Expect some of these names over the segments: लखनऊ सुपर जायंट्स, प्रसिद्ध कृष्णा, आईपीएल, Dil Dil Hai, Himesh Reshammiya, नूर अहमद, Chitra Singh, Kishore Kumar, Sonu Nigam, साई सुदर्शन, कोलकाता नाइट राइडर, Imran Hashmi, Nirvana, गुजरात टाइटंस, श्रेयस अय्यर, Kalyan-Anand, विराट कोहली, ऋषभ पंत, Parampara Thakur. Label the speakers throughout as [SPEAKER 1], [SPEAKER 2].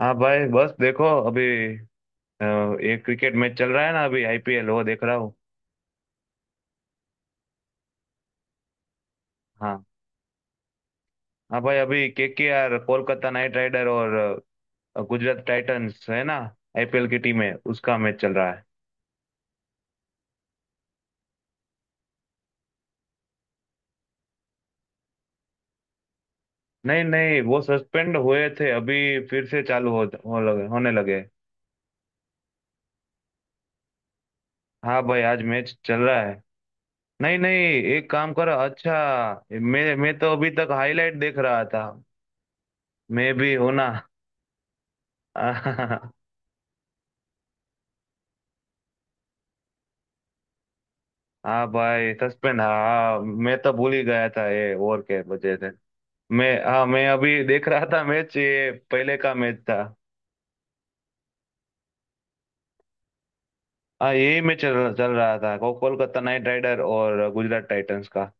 [SPEAKER 1] हाँ भाई, बस देखो अभी। एक क्रिकेट मैच चल रहा है ना, अभी आईपीएल, वो देख रहा हूँ। हाँ। हाँ भाई, अभी केकेआर कोलकाता नाइट राइडर और गुजरात टाइटंस है ना, आईपीएल की टीम है, उसका मैच चल रहा है। नहीं नहीं, वो सस्पेंड हुए थे, अभी फिर से चालू हो लगे होने लगे। हाँ भाई, आज मैच चल रहा है। नहीं नहीं। एक काम करो, अच्छा। मैं तो अभी तक हाईलाइट देख रहा था। मैं भी हूं ना। हाँ भाई, सस्पेंड, हाँ मैं तो भूल ही गया था, ये ओवर के वजह से। मैं, हाँ मैं अभी देख रहा था मैच, ये पहले का मैच था। हाँ, यही मैच चल रहा था, कोलकाता नाइट राइडर और गुजरात टाइटंस का।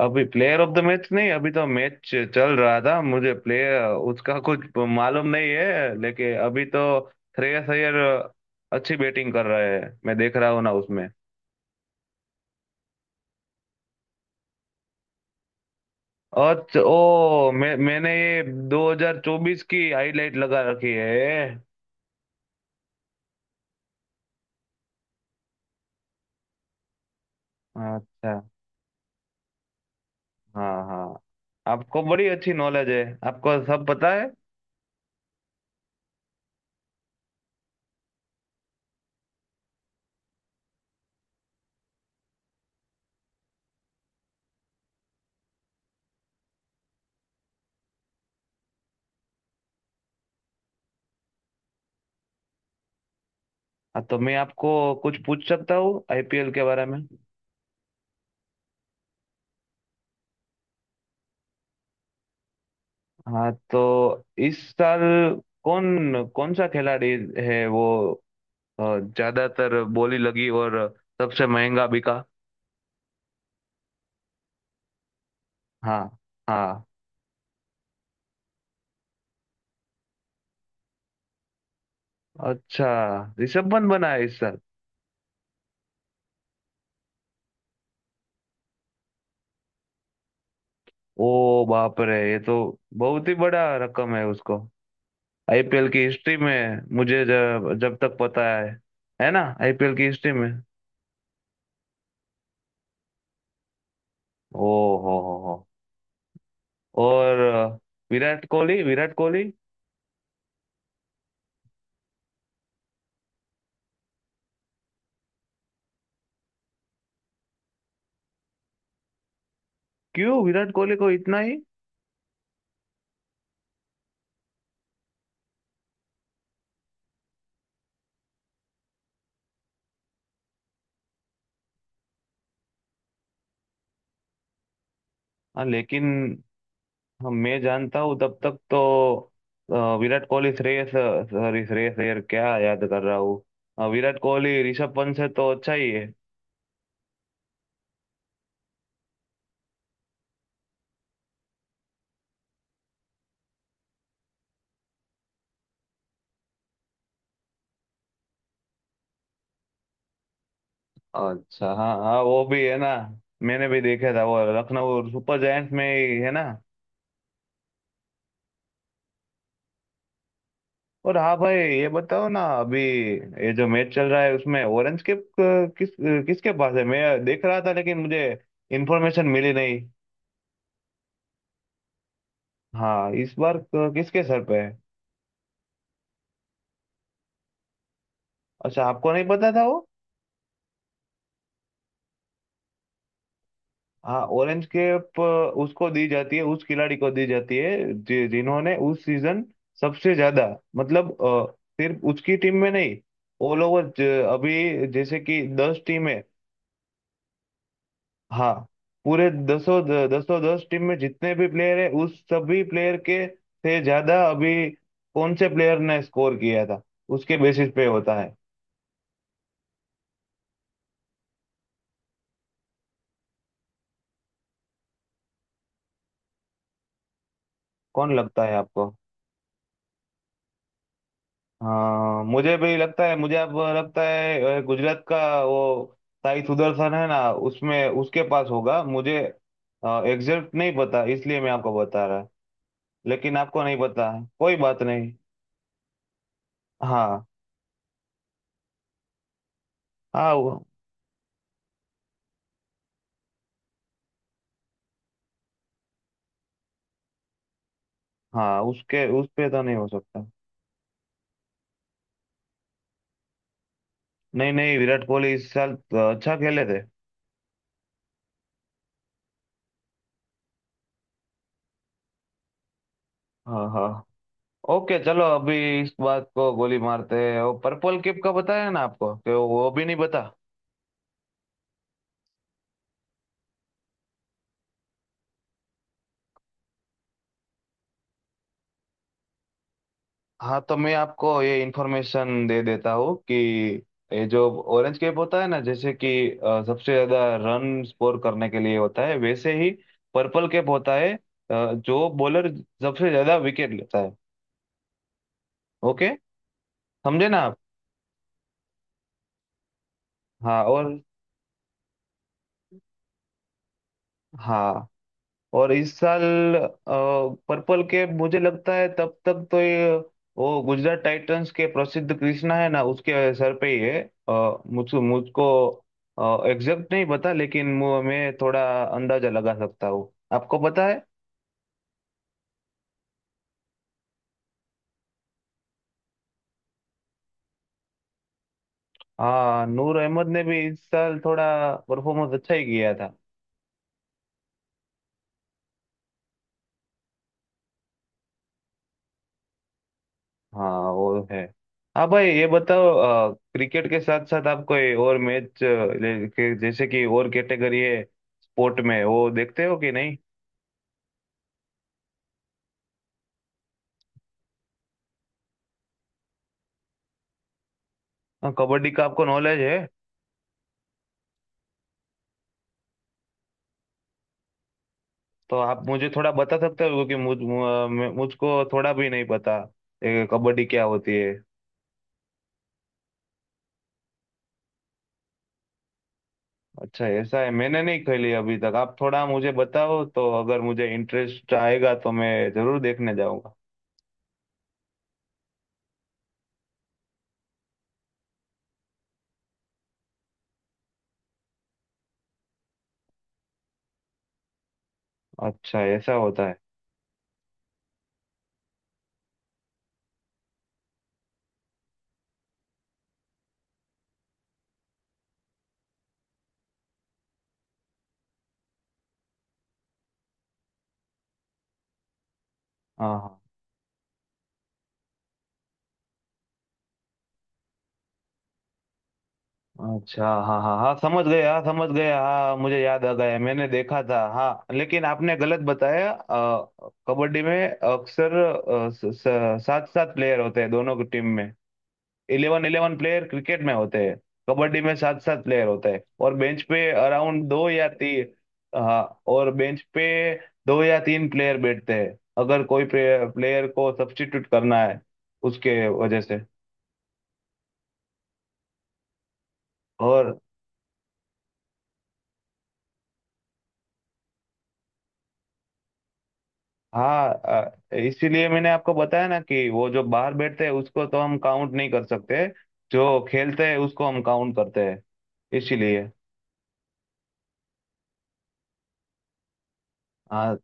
[SPEAKER 1] अभी प्लेयर ऑफ द मैच नहीं, अभी तो मैच चल रहा था, मुझे प्लेयर उसका कुछ मालूम नहीं है, लेकिन अभी तो श्रेयस अय्यर अच्छी बैटिंग कर रहे हैं, मैं देख रहा हूँ ना उसमें। और ओ, मैं मैंने ये 2024 की हाईलाइट लगा रखी है। अच्छा। हाँ हाँ, आपको बड़ी अच्छी नॉलेज है, आपको सब पता है। हाँ, तो मैं आपको कुछ पूछ सकता हूँ आईपीएल के बारे में। हाँ, तो इस साल कौन कौन सा खिलाड़ी है वो अ, ज्यादातर बोली लगी और सबसे महंगा बिका। हाँ। हाँ। अच्छा, ऋषभ पंत बना है इस साल। ओ, बाप रे, ये तो बहुत ही बड़ा रकम है उसको, आईपीएल की हिस्ट्री में, मुझे जब जब तक पता है। है ना, आईपीएल की हिस्ट्री में। ओ हो हो। और विराट कोहली। क्यों विराट कोहली को इतना ही? हाँ, लेकिन हम मैं जानता हूँ तब तक तो। विराट कोहली, श्रेयस, सॉरी श्रेयस अय्यर, क्या याद कर रहा हूँ। विराट कोहली ऋषभ पंत से तो अच्छा ही है। अच्छा, हाँ हाँ, वो भी है ना, मैंने भी देखा था, वो लखनऊ सुपर जायंट्स में ही है ना। और हाँ भाई, ये बताओ ना, अभी ये जो मैच चल रहा है उसमें ऑरेंज कैप किसके पास है? मैं देख रहा था, लेकिन मुझे इन्फॉर्मेशन मिली नहीं। हाँ, इस बार किसके सर पे है? अच्छा, आपको नहीं पता था वो। हाँ, ऑरेंज कैप उसको दी जाती है, उस खिलाड़ी को दी जाती है जिन्होंने उस सीजन सबसे ज्यादा, मतलब सिर्फ उसकी टीम में नहीं, ऑल ओवर, अभी जैसे कि दस टीम है। हाँ, पूरे दसों, दस टीम में जितने भी प्लेयर है, उस सभी प्लेयर के से ज्यादा अभी कौन से प्लेयर ने स्कोर किया था, उसके बेसिस पे होता है। कौन लगता है आपको? हाँ, मुझे भी लगता है, मुझे अब लगता है गुजरात का वो साई सुदर्शन है ना, उसमें उसके पास होगा, मुझे एग्जैक्ट नहीं पता, इसलिए मैं आपको बता रहा। लेकिन आपको नहीं पता है, कोई बात नहीं। हाँ हाँ, हाँ, उसके उस पे तो नहीं हो सकता। नहीं नहीं, विराट कोहली इस साल अच्छा खेले थे। हाँ हाँ, ओके, चलो अभी इस बात को गोली मारते हैं। वो पर्पल किप का बताया ना आपको, कि वो भी नहीं बता। हाँ, तो मैं आपको ये इन्फॉर्मेशन दे देता हूँ कि ये जो ऑरेंज कैप होता है ना, जैसे कि सबसे ज्यादा रन स्कोर करने के लिए होता है, वैसे ही पर्पल कैप होता है, जो बॉलर सबसे ज्यादा विकेट लेता है। ओके। समझे ना आप? हाँ और, हाँ और इस साल पर्पल कैप, मुझे लगता है तब तक तो ये, वो गुजरात टाइटंस के प्रसिद्ध कृष्णा है ना, उसके सर पे ही है। मुझको मुझको एग्जैक्ट नहीं पता, लेकिन मैं थोड़ा अंदाजा लगा सकता हूँ, आपको पता है। हाँ, नूर अहमद ने भी इस साल थोड़ा परफॉर्मेंस अच्छा ही किया था। हाँ, वो है। हाँ भाई, ये बताओ, क्रिकेट के साथ साथ आप कोई और मैच जैसे कि और कैटेगरी है स्पोर्ट में, वो देखते हो कि नहीं? हाँ, कबड्डी का आपको नॉलेज है, तो आप मुझे थोड़ा बता सकते हो? क्योंकि मुझको थोड़ा भी नहीं पता ये कबड्डी क्या होती है। अच्छा, ऐसा है, मैंने नहीं खेली अभी तक, आप थोड़ा मुझे बताओ तो, अगर मुझे इंटरेस्ट आएगा तो मैं जरूर देखने जाऊंगा। अच्छा, ऐसा होता है? हाँ हाँ। अच्छा हाँ हाँ हाँ, समझ गया, हाँ समझ गया, हाँ मुझे याद आ गया, मैंने देखा था। हाँ लेकिन आपने गलत बताया, कबड्डी में अक्सर सात सात प्लेयर होते हैं दोनों की टीम में। इलेवन इलेवन प्लेयर क्रिकेट में होते हैं। कबड्डी में सात सात प्लेयर होते हैं और बेंच पे अराउंड दो या तीन। हाँ, और बेंच पे दो या तीन प्लेयर बैठते हैं, अगर कोई प्लेयर को सब्स्टिट्यूट करना है, उसके वजह से। और हाँ, इसीलिए मैंने आपको बताया ना, कि वो जो बाहर बैठते हैं उसको तो हम काउंट नहीं कर सकते, जो खेलते हैं उसको हम काउंट करते हैं, इसीलिए। हाँ।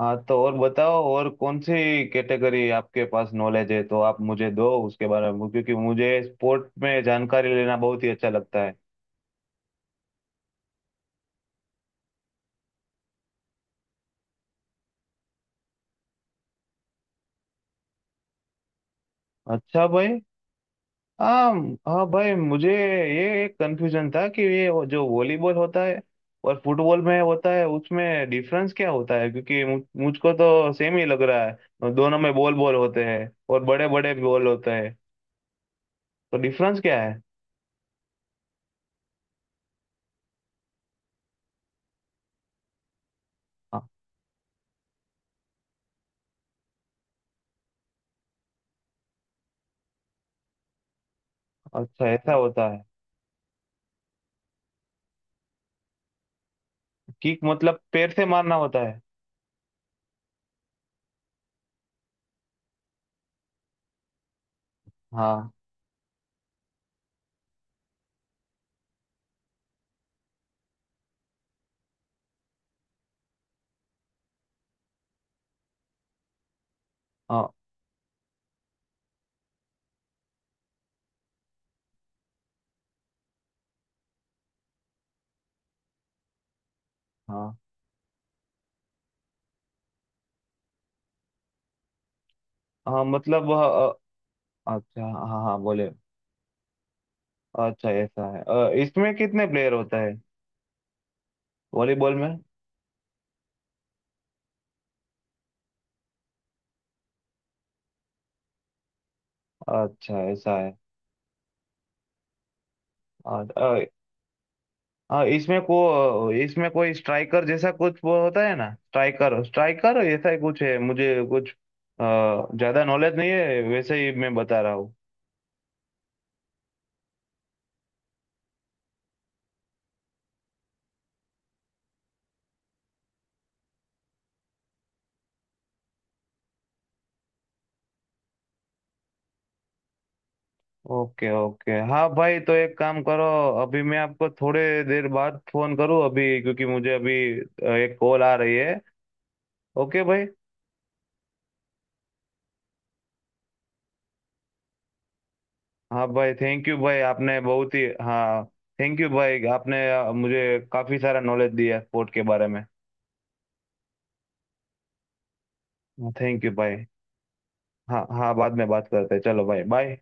[SPEAKER 1] हाँ, तो और बताओ और कौन सी कैटेगरी आपके पास नॉलेज है, तो आप मुझे दो उसके बारे में, क्योंकि मुझे स्पोर्ट में जानकारी लेना बहुत ही अच्छा लगता है। अच्छा भाई। हाँ। हाँ भाई, मुझे ये एक कंफ्यूजन था कि ये, वो जो वॉलीबॉल होता है और फुटबॉल में होता है, उसमें डिफरेंस क्या होता है? क्योंकि मुझको तो सेम ही लग रहा है, दोनों में बॉल बॉल होते हैं और बड़े बड़े बॉल होते हैं, तो डिफरेंस क्या है? हाँ। अच्छा, ऐसा होता है? किक मतलब पैर से मारना होता है? हाँ हाँ। हाँ, मतलब अच्छा, हाँ हाँ, बोले। अच्छा, ऐसा है? इसमें कितने प्लेयर होता है वॉलीबॉल में? अच्छा, ऐसा है? अ, अ, हाँ, इसमें कोई स्ट्राइकर जैसा कुछ वो होता है ना, स्ट्राइकर स्ट्राइकर ऐसा ही कुछ है, मुझे कुछ अ, ज्यादा नॉलेज नहीं है, वैसे ही मैं बता रहा हूँ। ओके ओके, हाँ भाई, तो एक काम करो, अभी मैं आपको थोड़े देर बाद फोन करूँ अभी, क्योंकि मुझे अभी एक कॉल आ रही है। ओके भाई। हाँ भाई, थैंक यू भाई, आपने बहुत ही, हाँ, थैंक यू भाई, आपने मुझे काफी सारा नॉलेज दिया स्पोर्ट के बारे में। थैंक यू भाई। हाँ हाँ, बाद में बात करते हैं, चलो भाई, बाय।